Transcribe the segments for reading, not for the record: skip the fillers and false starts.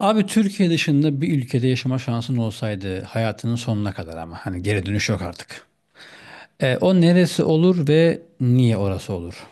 Abi Türkiye dışında bir ülkede yaşama şansın olsaydı hayatının sonuna kadar, ama hani geri dönüş yok artık. O neresi olur ve niye orası olur?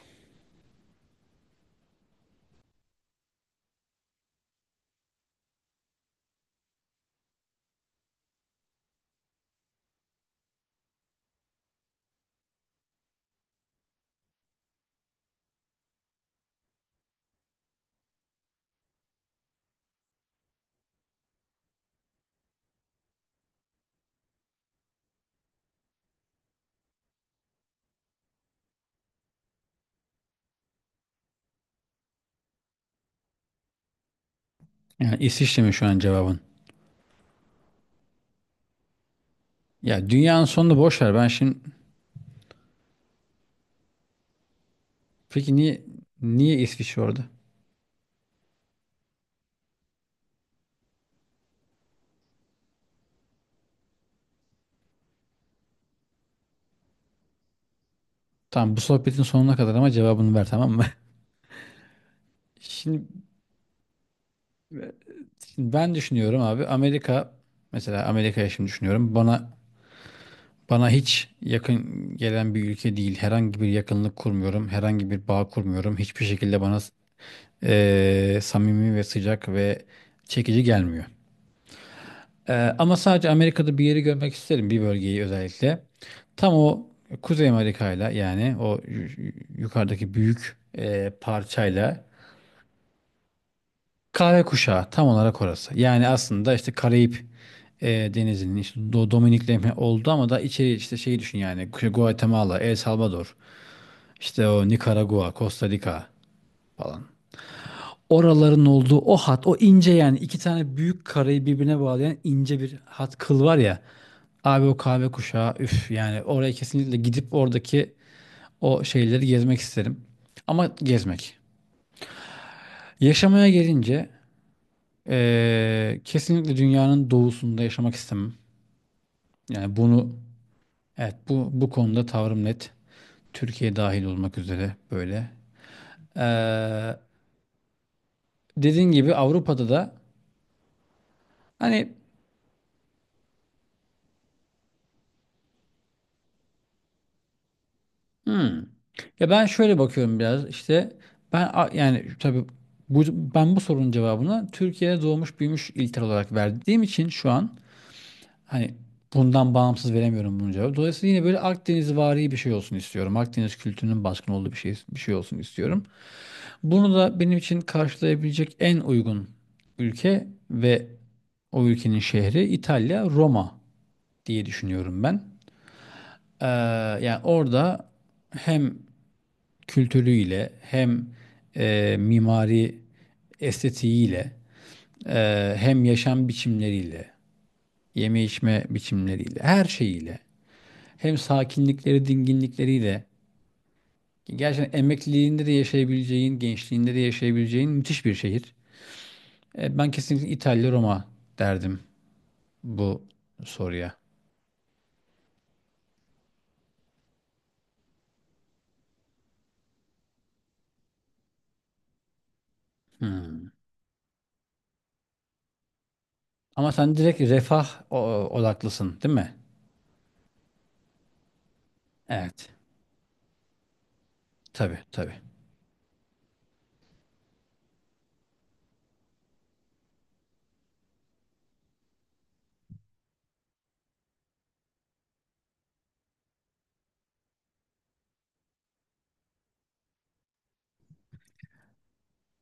Yani İsviçre mi şu an cevabın? Ya dünyanın sonunu boş ver. Ben şimdi, peki niye niye İsviçre orada? Tamam, bu sohbetin sonuna kadar ama cevabını ver, tamam mı? Şimdi, şimdi ben düşünüyorum abi, Amerika, mesela Amerika'ya şimdi düşünüyorum. Bana hiç yakın gelen bir ülke değil. Herhangi bir yakınlık kurmuyorum. Herhangi bir bağ kurmuyorum. Hiçbir şekilde bana samimi ve sıcak ve çekici gelmiyor. Ama sadece Amerika'da bir yeri görmek isterim, bir bölgeyi özellikle. Tam o Kuzey Amerika'yla, yani yukarıdaki büyük parçayla, kahve kuşağı tam olarak orası. Yani aslında işte Karayip e, denizinin, işte Dominik'le oldu ama da içeri, işte şeyi düşün yani Guatemala, El Salvador, işte o Nikaragua, Costa Rica falan. Oraların olduğu o hat, o ince, yani iki tane büyük karayı birbirine bağlayan ince bir hat kıl var ya. Abi o kahve kuşağı, üf yani, oraya kesinlikle gidip oradaki o şeyleri gezmek isterim. Ama gezmek. Yaşamaya gelince kesinlikle dünyanın doğusunda yaşamak istemem. Yani bunu, evet, bu konuda tavrım net. Türkiye dahil olmak üzere böyle. Eee Dediğin gibi Avrupa'da da hani. Hmm. Ya ben şöyle bakıyorum biraz, işte yani tabii bu, ben bu sorunun cevabını Türkiye'de doğmuş büyümüş ilter olarak verdiğim için şu an, hani bundan bağımsız veremiyorum bunun cevabı. Dolayısıyla yine böyle Akdeniz vari bir şey olsun istiyorum. Akdeniz kültürünün baskın olduğu bir şey olsun istiyorum. Bunu da benim için karşılayabilecek en uygun ülke ve o ülkenin şehri İtalya, Roma diye düşünüyorum ben. Ee, Yani orada hem kültürüyle, hem mimari estetiğiyle, hem yaşam biçimleriyle, yeme içme biçimleriyle, her şeyiyle, hem sakinlikleri, dinginlikleriyle, gerçekten emekliliğinde de yaşayabileceğin, gençliğinde de yaşayabileceğin müthiş bir şehir. Ben kesinlikle İtalya, Roma derdim bu soruya. Hmm. Ama sen direkt refah odaklısın, değil mi? Evet. Tabii, tabii.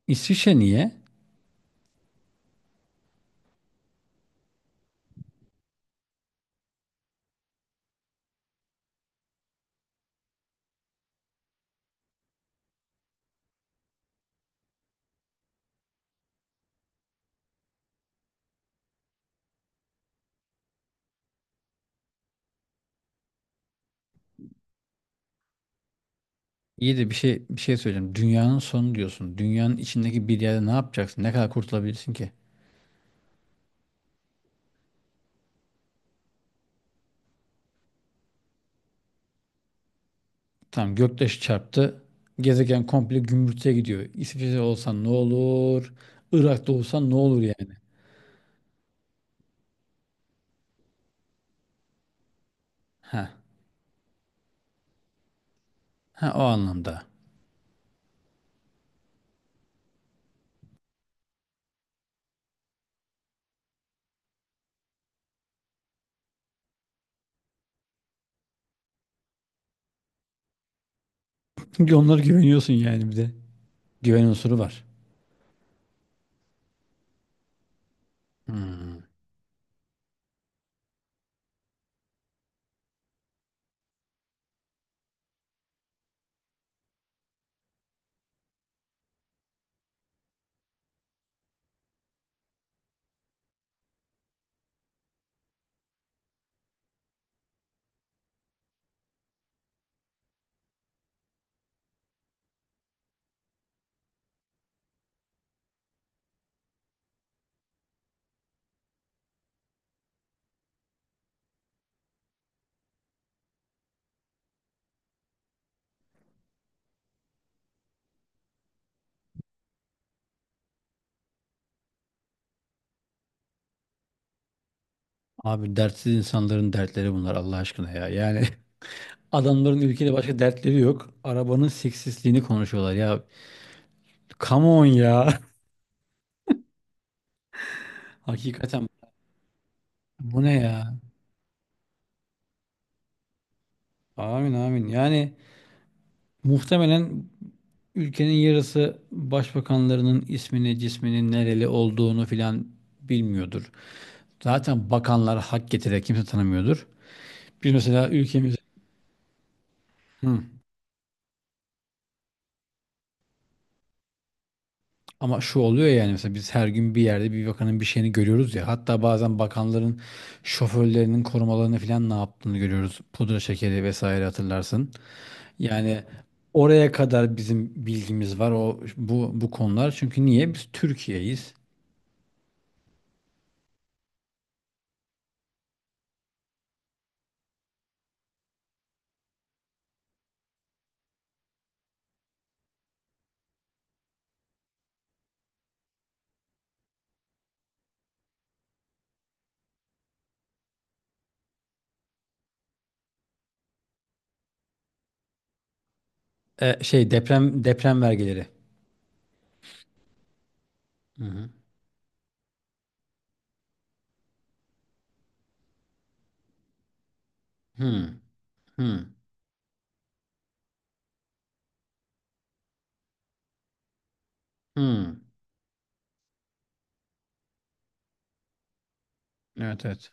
İsviçre niye? İyi de bir şey söyleyeceğim. Dünyanın sonu diyorsun. Dünyanın içindeki bir yerde ne yapacaksın? Ne kadar kurtulabilirsin ki? Tamam, göktaşı çarptı. Gezegen komple gümbürtüye gidiyor. İsviçre olsan ne olur? Irak'ta olsan ne olur yani? Ha. Ha, o anlamda. Çünkü onlara güveniyorsun yani, bir de. Güven unsuru var. Hmm. Abi, dertsiz insanların dertleri bunlar, Allah aşkına ya. Yani adamların ülkede başka dertleri yok. Arabanın seksisliğini konuşuyorlar ya. Come on ya. Hakikaten bu ne ya? Amin, amin. Yani muhtemelen ülkenin yarısı başbakanlarının ismini, cisminin nereli olduğunu filan bilmiyordur. Zaten bakanlar hak getire, kimse tanımıyordur. Biz mesela ülkemiz. Hı. Ama şu oluyor ya, yani mesela biz her gün bir yerde bir bakanın bir şeyini görüyoruz ya. Hatta bazen bakanların şoförlerinin korumalarını filan ne yaptığını görüyoruz. Pudra şekeri vesaire hatırlarsın. Yani oraya kadar bizim bilgimiz var o bu konular. Çünkü niye? Biz Türkiye'yiz. Şey, deprem vergileri. Hı hı. Hı hı. Hı. Evet, evet.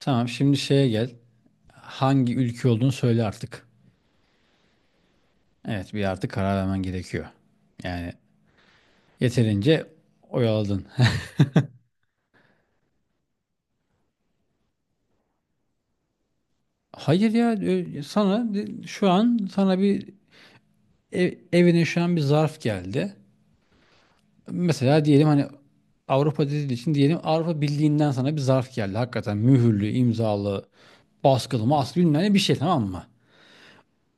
Tamam, şimdi şeye gel. Hangi ülke olduğunu söyle artık. Evet, bir artık karar vermen gerekiyor. Yani yeterince oyaladın. Hayır ya, sana şu an sana bir evine şu an bir zarf geldi. Mesela diyelim hani, Avrupa dediği için diyelim, Avrupa Birliği'nden sana bir zarf geldi. Hakikaten mühürlü, imzalı, baskılı, maskılı bilmem ne bir şey, tamam mı?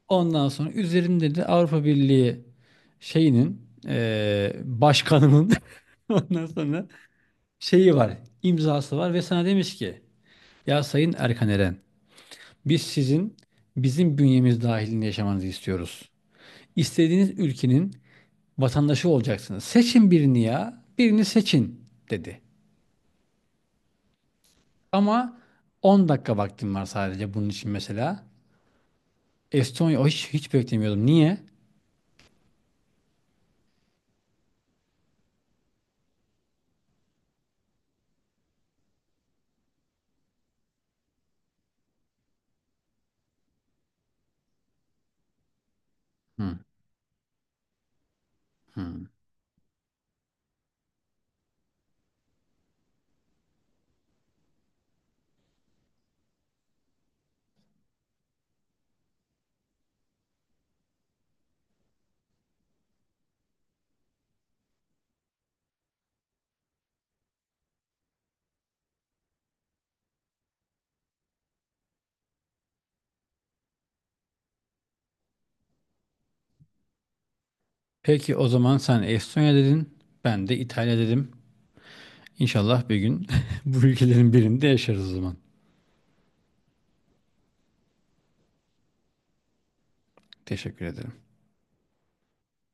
Ondan sonra üzerinde de Avrupa Birliği şeyinin başkanının ondan sonra şeyi var, imzası var ve sana demiş ki, ya Sayın Erkan Eren, biz sizin, bizim bünyemiz dahilinde yaşamanızı istiyoruz. İstediğiniz ülkenin vatandaşı olacaksınız. Seçin birini ya, birini seçin dedi. Ama 10 dakika vaktim var sadece bunun için mesela. Estonya, o hiç, hiç beklemiyordum. Niye? Hı, hı. Peki o zaman sen Estonya dedin. Ben de İtalya dedim. İnşallah bir gün bu ülkelerin birinde yaşarız o zaman. Teşekkür ederim.